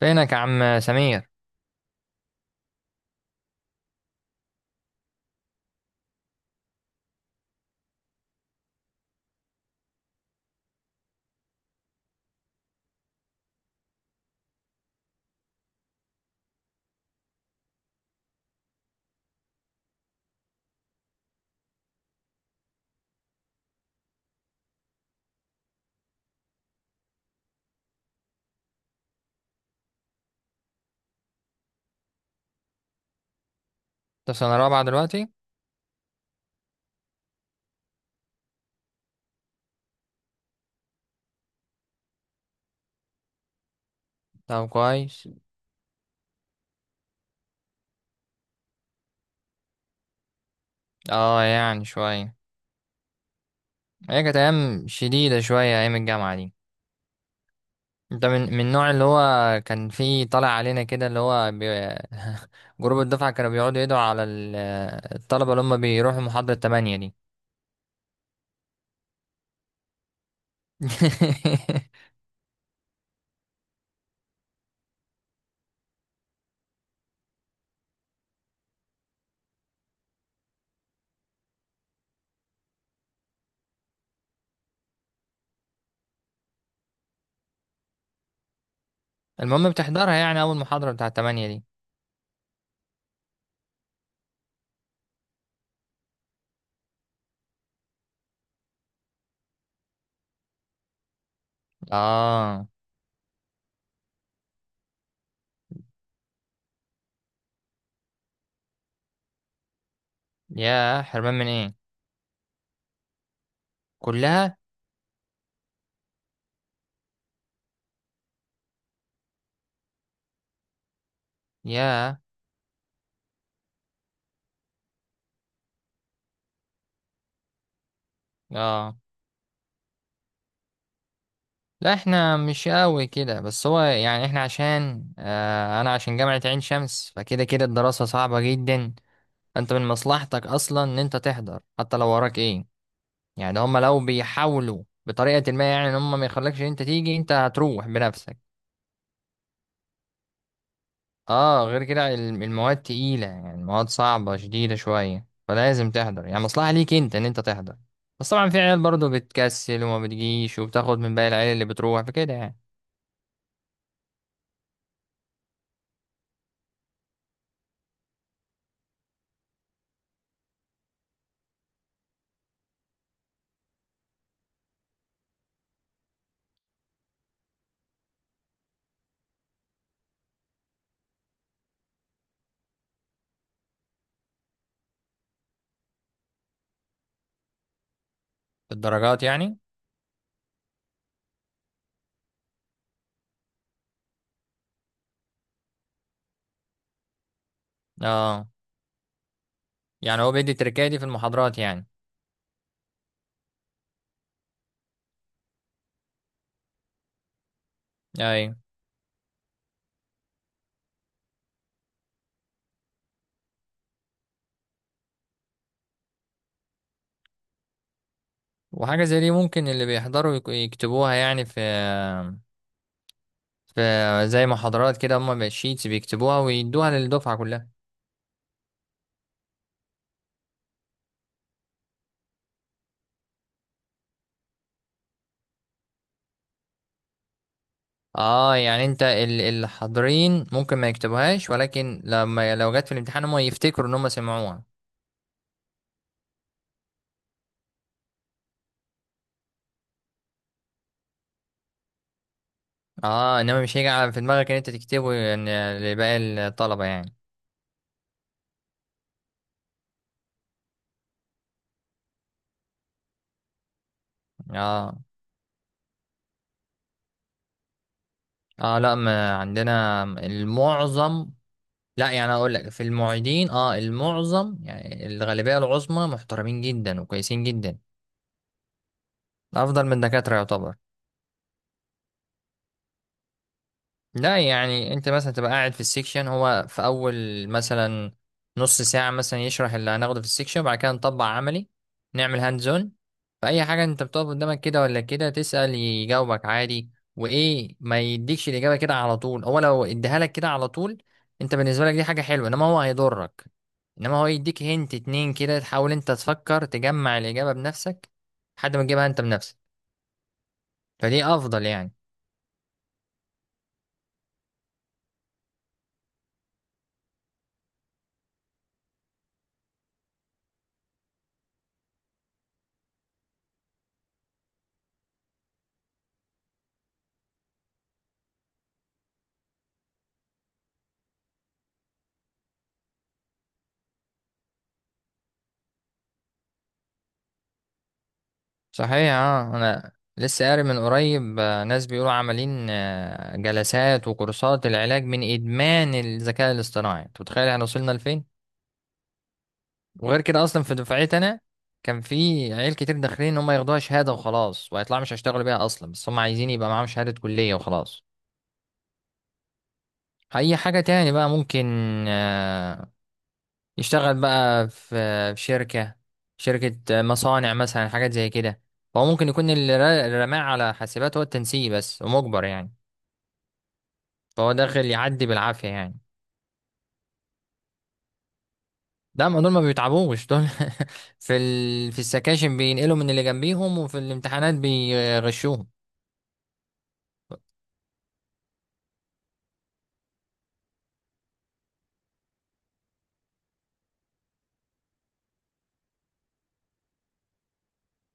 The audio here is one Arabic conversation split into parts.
فينك يا عم سمير؟ انت في سنة رابعة دلوقتي؟ طب كويس. اه يعني شوية. هي كانت أيام شديدة شوية أيام الجامعة دي. انت من النوع اللي هو كان فيه طالع علينا كده اللي هو جروب الدفعة كانوا بيقعدوا يدعوا على الطلبة اللي هم بيروحوا محاضرة تمانية دي. المهم بتحضرها يعني أول محاضرة بتاعة تمانية دي؟ اه. يا حرمان من ايه؟ كلها؟ يا اه، لا احنا مش قوي كده، بس هو يعني احنا عشان اه انا عشان جامعة عين شمس فكده كده الدراسة صعبة جدا. انت من مصلحتك اصلا ان انت تحضر حتى لو وراك ايه. يعني هم لو بيحاولوا بطريقة ما يعني ان هم ما يخلكش ان انت تيجي، انت هتروح بنفسك. اه غير كده المواد تقيلة، يعني المواد صعبة شديدة شوية، فلازم تحضر يعني مصلحة ليك انت ان انت تحضر. بس طبعا في عيال برضه بتكسل وما بتجيش وبتاخد من باقي العيال اللي بتروح، فكده يعني. الدرجات يعني؟ اه. يعني هو بيدي التركية دي في المحاضرات يعني؟ ايوه. وحاجة زي دي ممكن اللي بيحضروا يكتبوها يعني في في زي محاضرات كده هما بالشيتس بيكتبوها ويدوها للدفعة كلها؟ اه يعني انت اللي حاضرين ممكن ما يكتبوهاش، ولكن لما لو جت في الامتحان هما يفتكروا ان هما سمعوها. اه انما مش هيجي في دماغك ان انت تكتبه يعني لباقي الطلبة يعني. اه. اه لا ما عندنا المعظم، لا يعني اقول لك في المعيدين اه المعظم يعني الغالبيه العظمى محترمين جدا وكويسين جدا. افضل من الدكاتره يعتبر. لا يعني انت مثلا تبقى قاعد في السيكشن، هو في اول مثلا نص ساعة مثلا يشرح اللي هناخده في السيكشن وبعد كده نطبق عملي، نعمل هاند زون. فأي حاجة انت بتقف قدامك كده ولا كده تسأل يجاوبك عادي. وايه، ما يديكش الإجابة كده على طول، هو لو اديها لك كده على طول انت بالنسبة لك دي حاجة حلوة، انما هو هيضرك. انما هو يديك هنت اتنين كده تحاول انت تفكر تجمع الإجابة بنفسك، لحد ما تجيبها انت بنفسك. فدي افضل يعني. صحيح اه. انا لسه قاري من قريب ناس بيقولوا عاملين جلسات وكورسات العلاج من ادمان الذكاء الاصطناعي. انت متخيل احنا وصلنا لفين؟ وغير كده اصلا في دفعتي انا كان في عيال كتير داخلين ان هم ياخدوها شهاده وخلاص، وهيطلعوا مش هيشتغلوا بيها اصلا، بس هم عايزين يبقى معاهم شهاده كليه وخلاص. اي حاجه تاني بقى ممكن آه، يشتغل بقى في في شركه، شركه مصانع مثلا، حاجات زي كده. فهو ممكن يكون اللي اللي رماه على حاسبات هو التنسيق بس ومجبر يعني. فهو داخل يعدي بالعافية يعني. ده ما دول ما بيتعبوش دول. في في السكاشن بينقلوا من اللي جنبيهم، وفي الامتحانات بيغشوهم.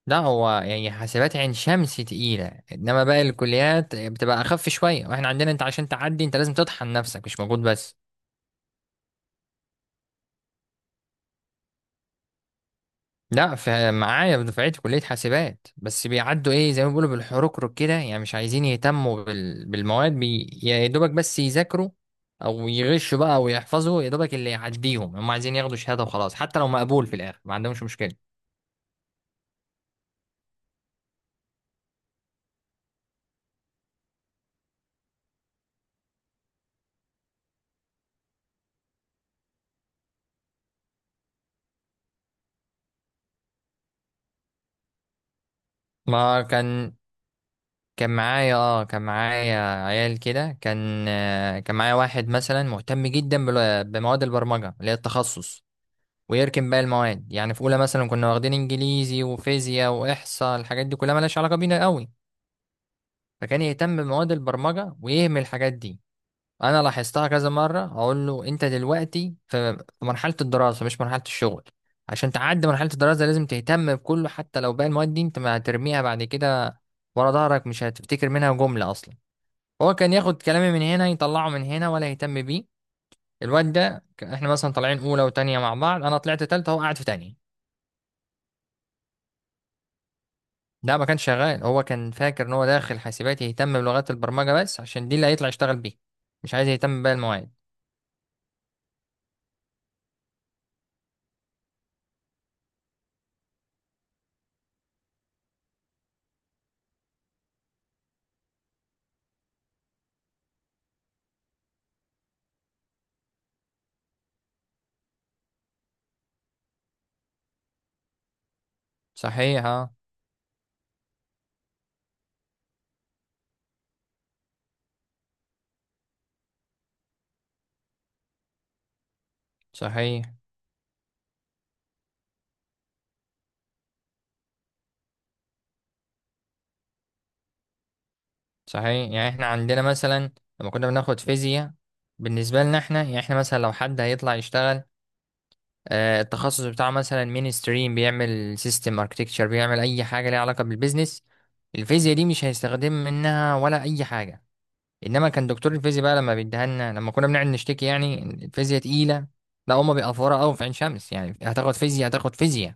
لا هو يعني حاسبات عين شمس تقيلة، انما باقي الكليات بتبقى اخف شوية، واحنا عندنا انت عشان تعدي انت لازم تطحن نفسك، مش مجهود بس. لا في معايا في دفعتي كلية حاسبات بس بيعدوا ايه زي ما بيقولوا بالحركرك كده يعني، مش عايزين يهتموا بالمواد يا دوبك بس يذاكروا او يغشوا بقى او يحفظوا يا دوبك اللي يعديهم، هم عايزين ياخدوا شهادة وخلاص، حتى لو مقبول في الاخر ما عندهمش مشكلة. ما كان كان معايا اه كان معايا عيال كده، كان كان معايا واحد مثلا مهتم جدا بمواد البرمجة اللي هي التخصص، ويركن باقي المواد يعني. في اولى مثلا كنا واخدين انجليزي وفيزياء واحصاء، الحاجات دي كلها ملهاش علاقه بينا قوي. فكان يهتم بمواد البرمجه ويهمل الحاجات دي. انا لاحظتها كذا مره، اقول له انت دلوقتي في في مرحله الدراسه مش مرحله الشغل، عشان تعدي مرحله الدراسه لازم تهتم بكله، حتى لو باقي المواد دي انت ما هترميها بعد كده ورا ظهرك، مش هتفتكر منها جمله اصلا. هو كان ياخد كلامي من هنا يطلعه من هنا ولا يهتم بيه. الواد ده احنا مثلا طالعين اولى وتانية مع بعض، انا طلعت تالتة هو قاعد في تانية. لا ما كانش شغال، هو كان فاكر ان هو داخل حاسبات يهتم بلغات البرمجة بس عشان دي اللي هيطلع يشتغل بيها، مش عايز يهتم باقي المواد. صحيح اه. صحيح. صحيح يعني احنا عندنا مثلا لما كنا بناخد فيزياء، بالنسبة لنا احنا يعني، احنا مثلا لو حد هيطلع يشتغل آه التخصص بتاعه مثلا مين ستريم، بيعمل سيستم اركتكتشر، بيعمل اي حاجة ليها علاقة بالبيزنس، الفيزياء دي مش هيستخدم منها ولا اي حاجة. انما كان دكتور الفيزياء بقى لما بيديها لنا، لما كنا بنقعد نشتكي يعني إن الفيزياء تقيله، لا هما بيقفوها قوي في عين شمس يعني، هتاخد فيزياء هتاخد فيزياء،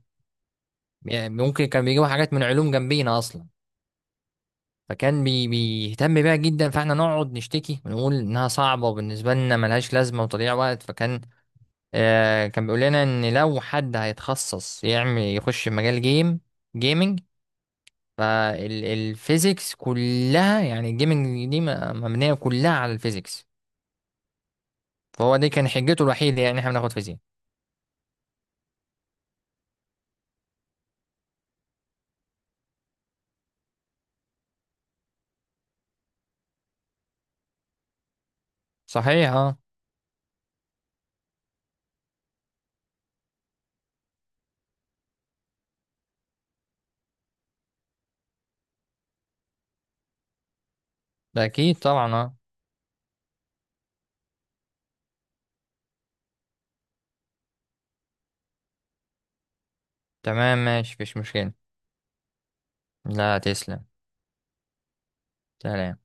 يعني ممكن كان بيجيبوا حاجات من علوم جنبينا اصلا. فكان بيهتم بيها جدا، فاحنا نقعد نشتكي ونقول انها صعبه وبالنسبه لنا ملهاش لازمه وتضيع وقت. فكان آه كان بيقول لنا ان لو حد هيتخصص يعمل، يخش مجال جيم، جيمنج. فالفيزيكس كلها يعني، الجيمنج دي مبنيه كلها على الفيزيكس. فهو دي كان حجته الوحيدة يعني احنا بناخد فيزياء. صحيح اه. ده اكيد طبعا اه. تمام ماشي مفيش مشكلة. لا تسلم. سلام.